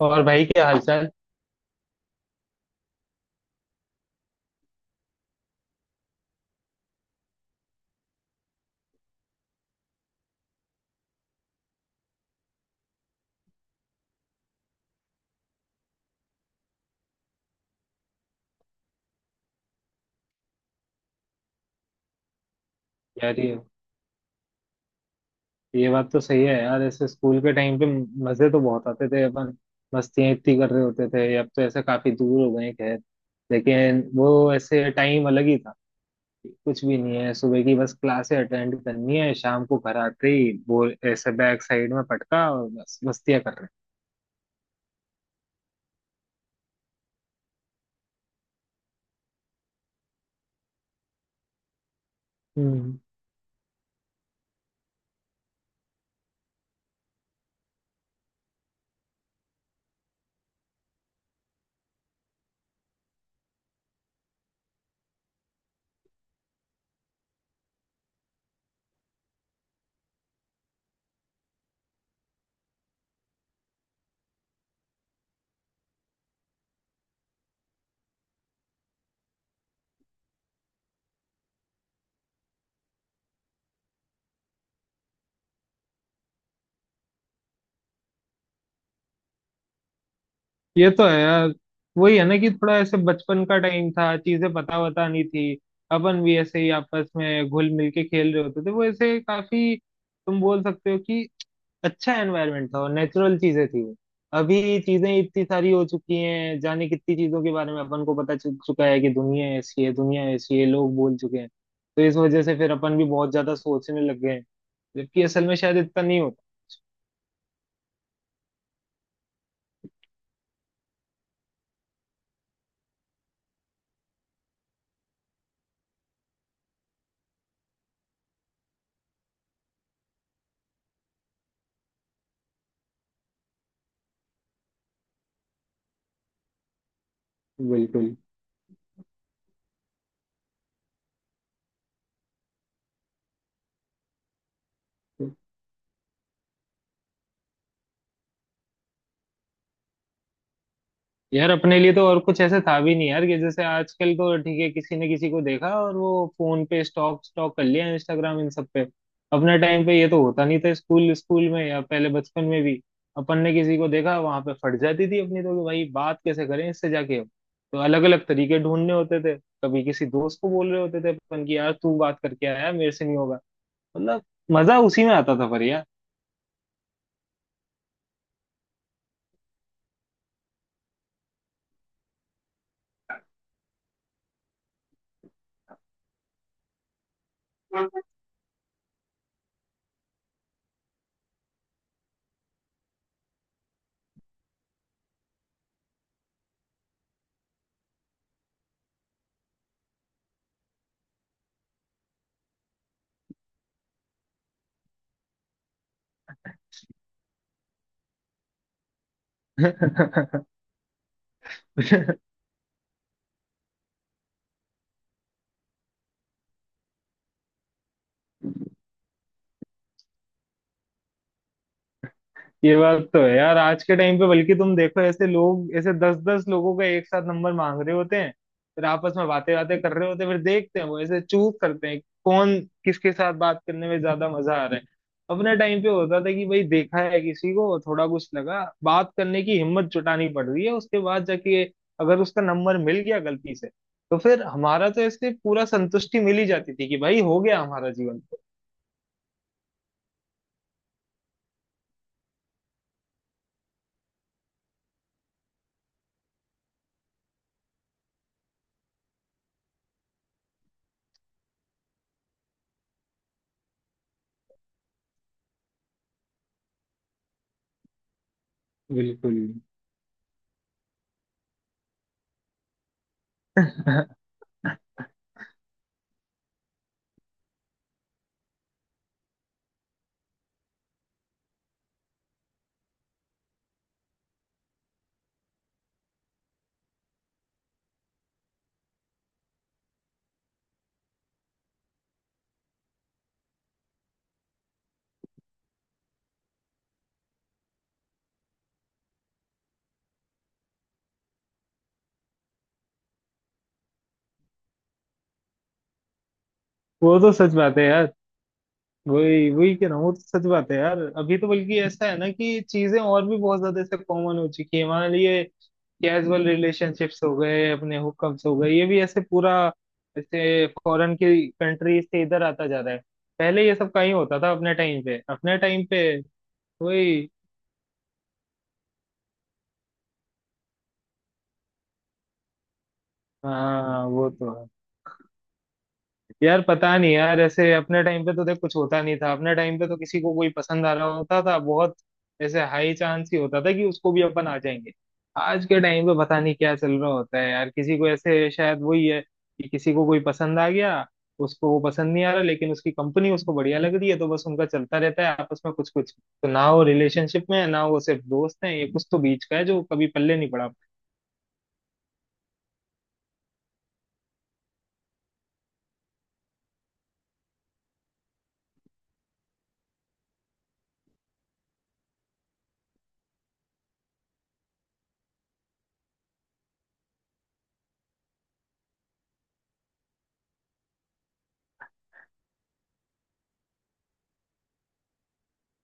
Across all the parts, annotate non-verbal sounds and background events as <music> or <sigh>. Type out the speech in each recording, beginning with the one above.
और भाई क्या हालचाल। यार ये बात तो सही है यार, ऐसे स्कूल के टाइम पे मजे तो बहुत आते थे अपन। मस्तियां इतनी कर रहे होते थे, अब तो ऐसे काफी दूर हो गए हैं। खैर, लेकिन वो ऐसे टाइम अलग ही था। कुछ भी नहीं है, सुबह की बस क्लासे अटेंड करनी है, शाम को घर आते ही वो ऐसे बैक साइड में पटका और बस मस्तियां कर रहे हैं। ये तो है यार। वही है ना कि थोड़ा ऐसे बचपन का टाइम था, चीजें पता वता नहीं थी, अपन भी ऐसे ही आपस में घुल मिल के खेल रहे होते थे। वो ऐसे काफी, तुम बोल सकते हो कि अच्छा एनवायरनमेंट था और नेचुरल चीजें थी वो। अभी चीजें इतनी सारी हो चुकी हैं, जाने कितनी चीजों के बारे में अपन को पता चल चुका है कि दुनिया ऐसी है, दुनिया ऐसी है, लोग बोल चुके हैं। तो इस वजह से फिर अपन भी बहुत ज्यादा सोचने लग गए हैं, जबकि असल में शायद इतना नहीं होता। बिल्कुल। यार अपने लिए तो और कुछ ऐसे था भी नहीं यार, कि जैसे आजकल तो ठीक है, किसी ने किसी को देखा और वो फोन पे स्टॉक स्टॉक कर लिया, इंस्टाग्राम इन सब पे। अपने टाइम पे ये तो होता नहीं था। स्कूल स्कूल में या पहले बचपन में भी अपन ने किसी को देखा वहां पे, फट जाती थी अपनी तो कि भाई बात कैसे करें इससे जाके। अब तो अलग अलग तरीके ढूंढने होते थे। कभी किसी दोस्त को बोल रहे होते थे अपन की यार तू बात करके आया, मेरे से नहीं होगा। मतलब, मजा उसी में आता था पर यार। <laughs> ये बात तो है यार। आज के टाइम पे बल्कि तुम देखो ऐसे लोग ऐसे दस दस लोगों का एक साथ नंबर मांग रहे होते हैं। फिर आपस में बातें बातें कर रहे होते हैं, फिर देखते हैं वो ऐसे चूज करते हैं कौन किसके साथ बात करने में ज्यादा मजा आ रहा है। अपने टाइम पे होता था कि भाई देखा है किसी को, थोड़ा कुछ लगा, बात करने की हिम्मत जुटानी पड़ रही है। उसके बाद जाके अगर उसका नंबर मिल गया गलती से, तो फिर हमारा तो ऐसे पूरा संतुष्टि मिल ही जाती थी कि भाई हो गया हमारा जीवन तो। बिल्कुल। <laughs> वो तो सच बात है यार। वही वही कह रहा हूँ, वो तो सच बात है यार। अभी तो बल्कि ऐसा है ना कि चीजें और भी बहुत ज्यादा ऐसे कॉमन हो चुकी है हमारे लिए। कैजुअल रिलेशनशिप्स हो गए, अपने हुकअप्स हो गए, ये भी ऐसे पूरा ऐसे फॉरेन की कंट्री से इधर आता जा रहा है। पहले ये सब कहीं होता था अपने टाइम पे? वही। हाँ वो तो है यार। पता नहीं यार, ऐसे अपने टाइम पे तो देख कुछ होता नहीं था। अपने टाइम पे तो किसी को कोई पसंद आ रहा होता था, बहुत ऐसे हाई चांस ही होता था कि उसको भी अपन आ जाएंगे। आज के टाइम पे पता नहीं क्या चल रहा होता है यार। किसी को ऐसे, शायद वही है कि किसी को कोई पसंद आ गया, उसको वो पसंद नहीं आ रहा, लेकिन उसकी कंपनी उसको बढ़िया लग रही है, तो बस उनका चलता रहता है आपस में कुछ कुछ। तो ना वो रिलेशनशिप में है ना वो सिर्फ दोस्त हैं, ये कुछ तो बीच का है जो कभी पल्ले नहीं पड़ा।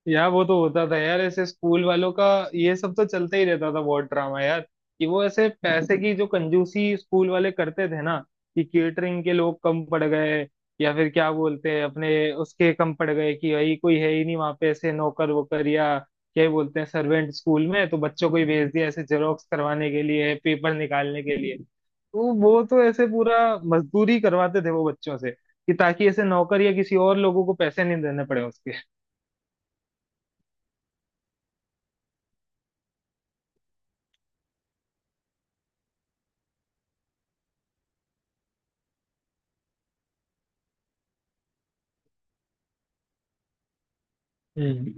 यार वो तो होता था यार ऐसे स्कूल वालों का। ये सब तो चलता ही रहता था, बहुत ड्रामा यार। कि वो ऐसे पैसे की जो कंजूसी स्कूल वाले करते थे ना, कि केटरिंग के लोग कम पड़ गए, या फिर क्या बोलते हैं अपने, उसके कम पड़ गए कि भाई कोई है ही नहीं वहां पे ऐसे नौकर वोकर या क्या ही बोलते हैं सर्वेंट। स्कूल में तो बच्चों को ही भेज दिया ऐसे जेरोक्स करवाने के लिए, पेपर निकालने के लिए। तो वो तो ऐसे पूरा मजदूरी करवाते थे वो बच्चों से, कि ताकि ऐसे नौकर या किसी और लोगों को पैसे नहीं देने पड़े उसके। हम्म।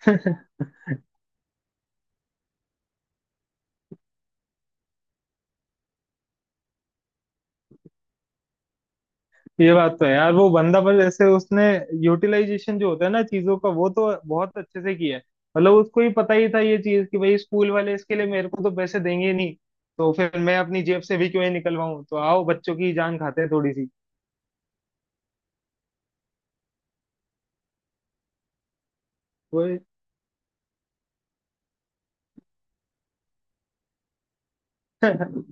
<laughs> ये बात तो है यार। वो बंदा पर जैसे उसने यूटिलाइजेशन जो होता है ना चीजों का, वो तो बहुत अच्छे से किया है। मतलब उसको ही पता ही था ये चीज कि भाई स्कूल वाले इसके लिए मेरे को तो पैसे देंगे ही नहीं, तो फिर मैं अपनी जेब से भी क्यों ही निकलवाऊं, तो आओ बच्चों की जान खाते हैं थोड़ी सी। वो। <laughs>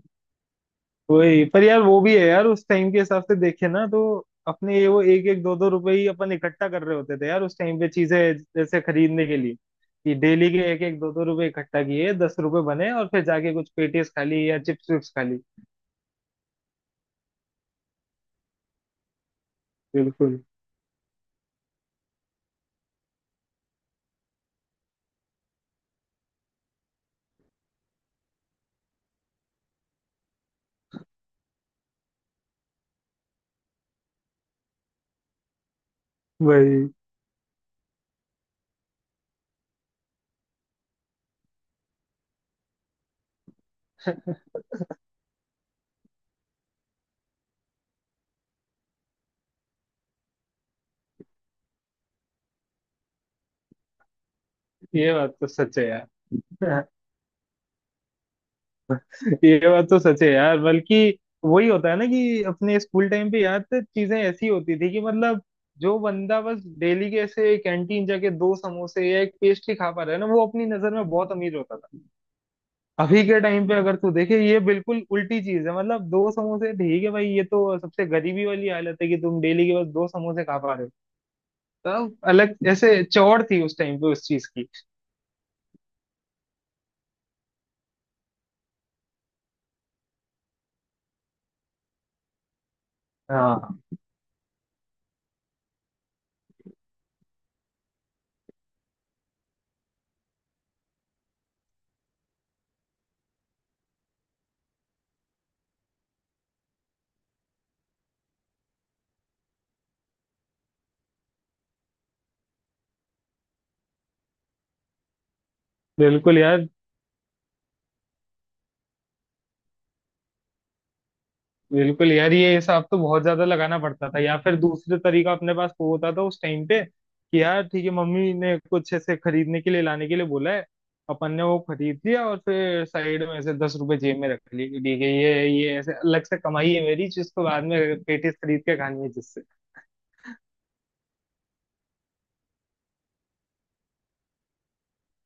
वही पर यार वो भी है यार, उस टाइम के हिसाब से देखे ना तो अपने ये वो एक एक दो दो रुपए ही अपन इकट्ठा कर रहे होते थे यार उस टाइम पे, चीजें जैसे खरीदने के लिए। कि डेली के एक एक दो दो रुपए इकट्ठा किए, 10 रुपए बने, और फिर जाके कुछ पेटीज खा ली या चिप्स विप्स खा ली। बिल्कुल। वही। ये बात तो सच है यार। ये बात तो सच है यार, बल्कि वही होता है ना कि अपने स्कूल टाइम पे यार तो चीजें ऐसी होती थी कि, मतलब, जो बंदा बस डेली के ऐसे कैंटीन जाके दो समोसे या एक पेस्ट्री खा पा रहा है ना, वो अपनी नजर में बहुत अमीर होता था। अभी के टाइम पे अगर तू देखे ये बिल्कुल उल्टी चीज है। मतलब दो समोसे ठीक है भाई, ये तो सबसे गरीबी वाली हालत है कि तुम डेली के बस दो समोसे खा पा रहे हो। तब अलग ऐसे चौड़ थी उस टाइम पे उस चीज की। हाँ। बिल्कुल यार। बिल्कुल यार, ये हिसाब तो बहुत ज्यादा लगाना पड़ता था। या फिर दूसरे तरीका अपने पास वो होता था उस टाइम पे कि यार ठीक है, मम्मी ने कुछ ऐसे खरीदने के लिए लाने के लिए बोला है, अपन ने वो खरीद लिया और फिर साइड में ऐसे 10 रुपए जेब में रख लिए कि ठीक है ये ऐसे अलग से कमाई है मेरी, जिसको बाद में पेटीज खरीद के खानी है, जिससे।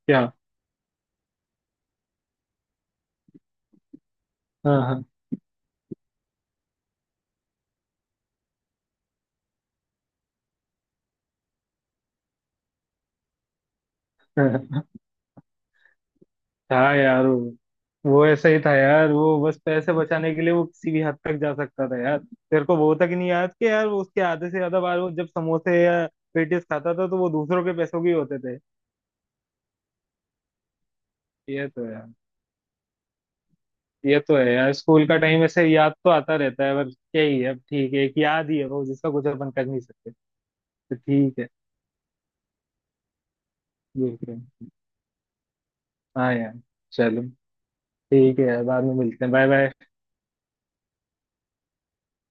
क्या। हाँ, हाँ, हाँ। यार वो ऐसा ही था यार। वो बस पैसे बचाने के लिए वो किसी भी हद तक जा सकता था यार। तेरे को वो तक नहीं याद कि यार वो उसके आधे से ज्यादा बार वो जब समोसे या पेटीज खाता था, तो वो दूसरों के पैसों के ही होते थे। ये तो यार। ये तो है यार, स्कूल का टाइम ऐसे याद तो आता रहता है, पर क्या ही है अब। ठीक है, एक याद ही है वो, जिसका कुछ अपन कर नहीं सकते। तो ठीक है। देख रहे हैं। हाँ यार, चलो ठीक है यार, बाद में मिलते हैं, बाय बाय।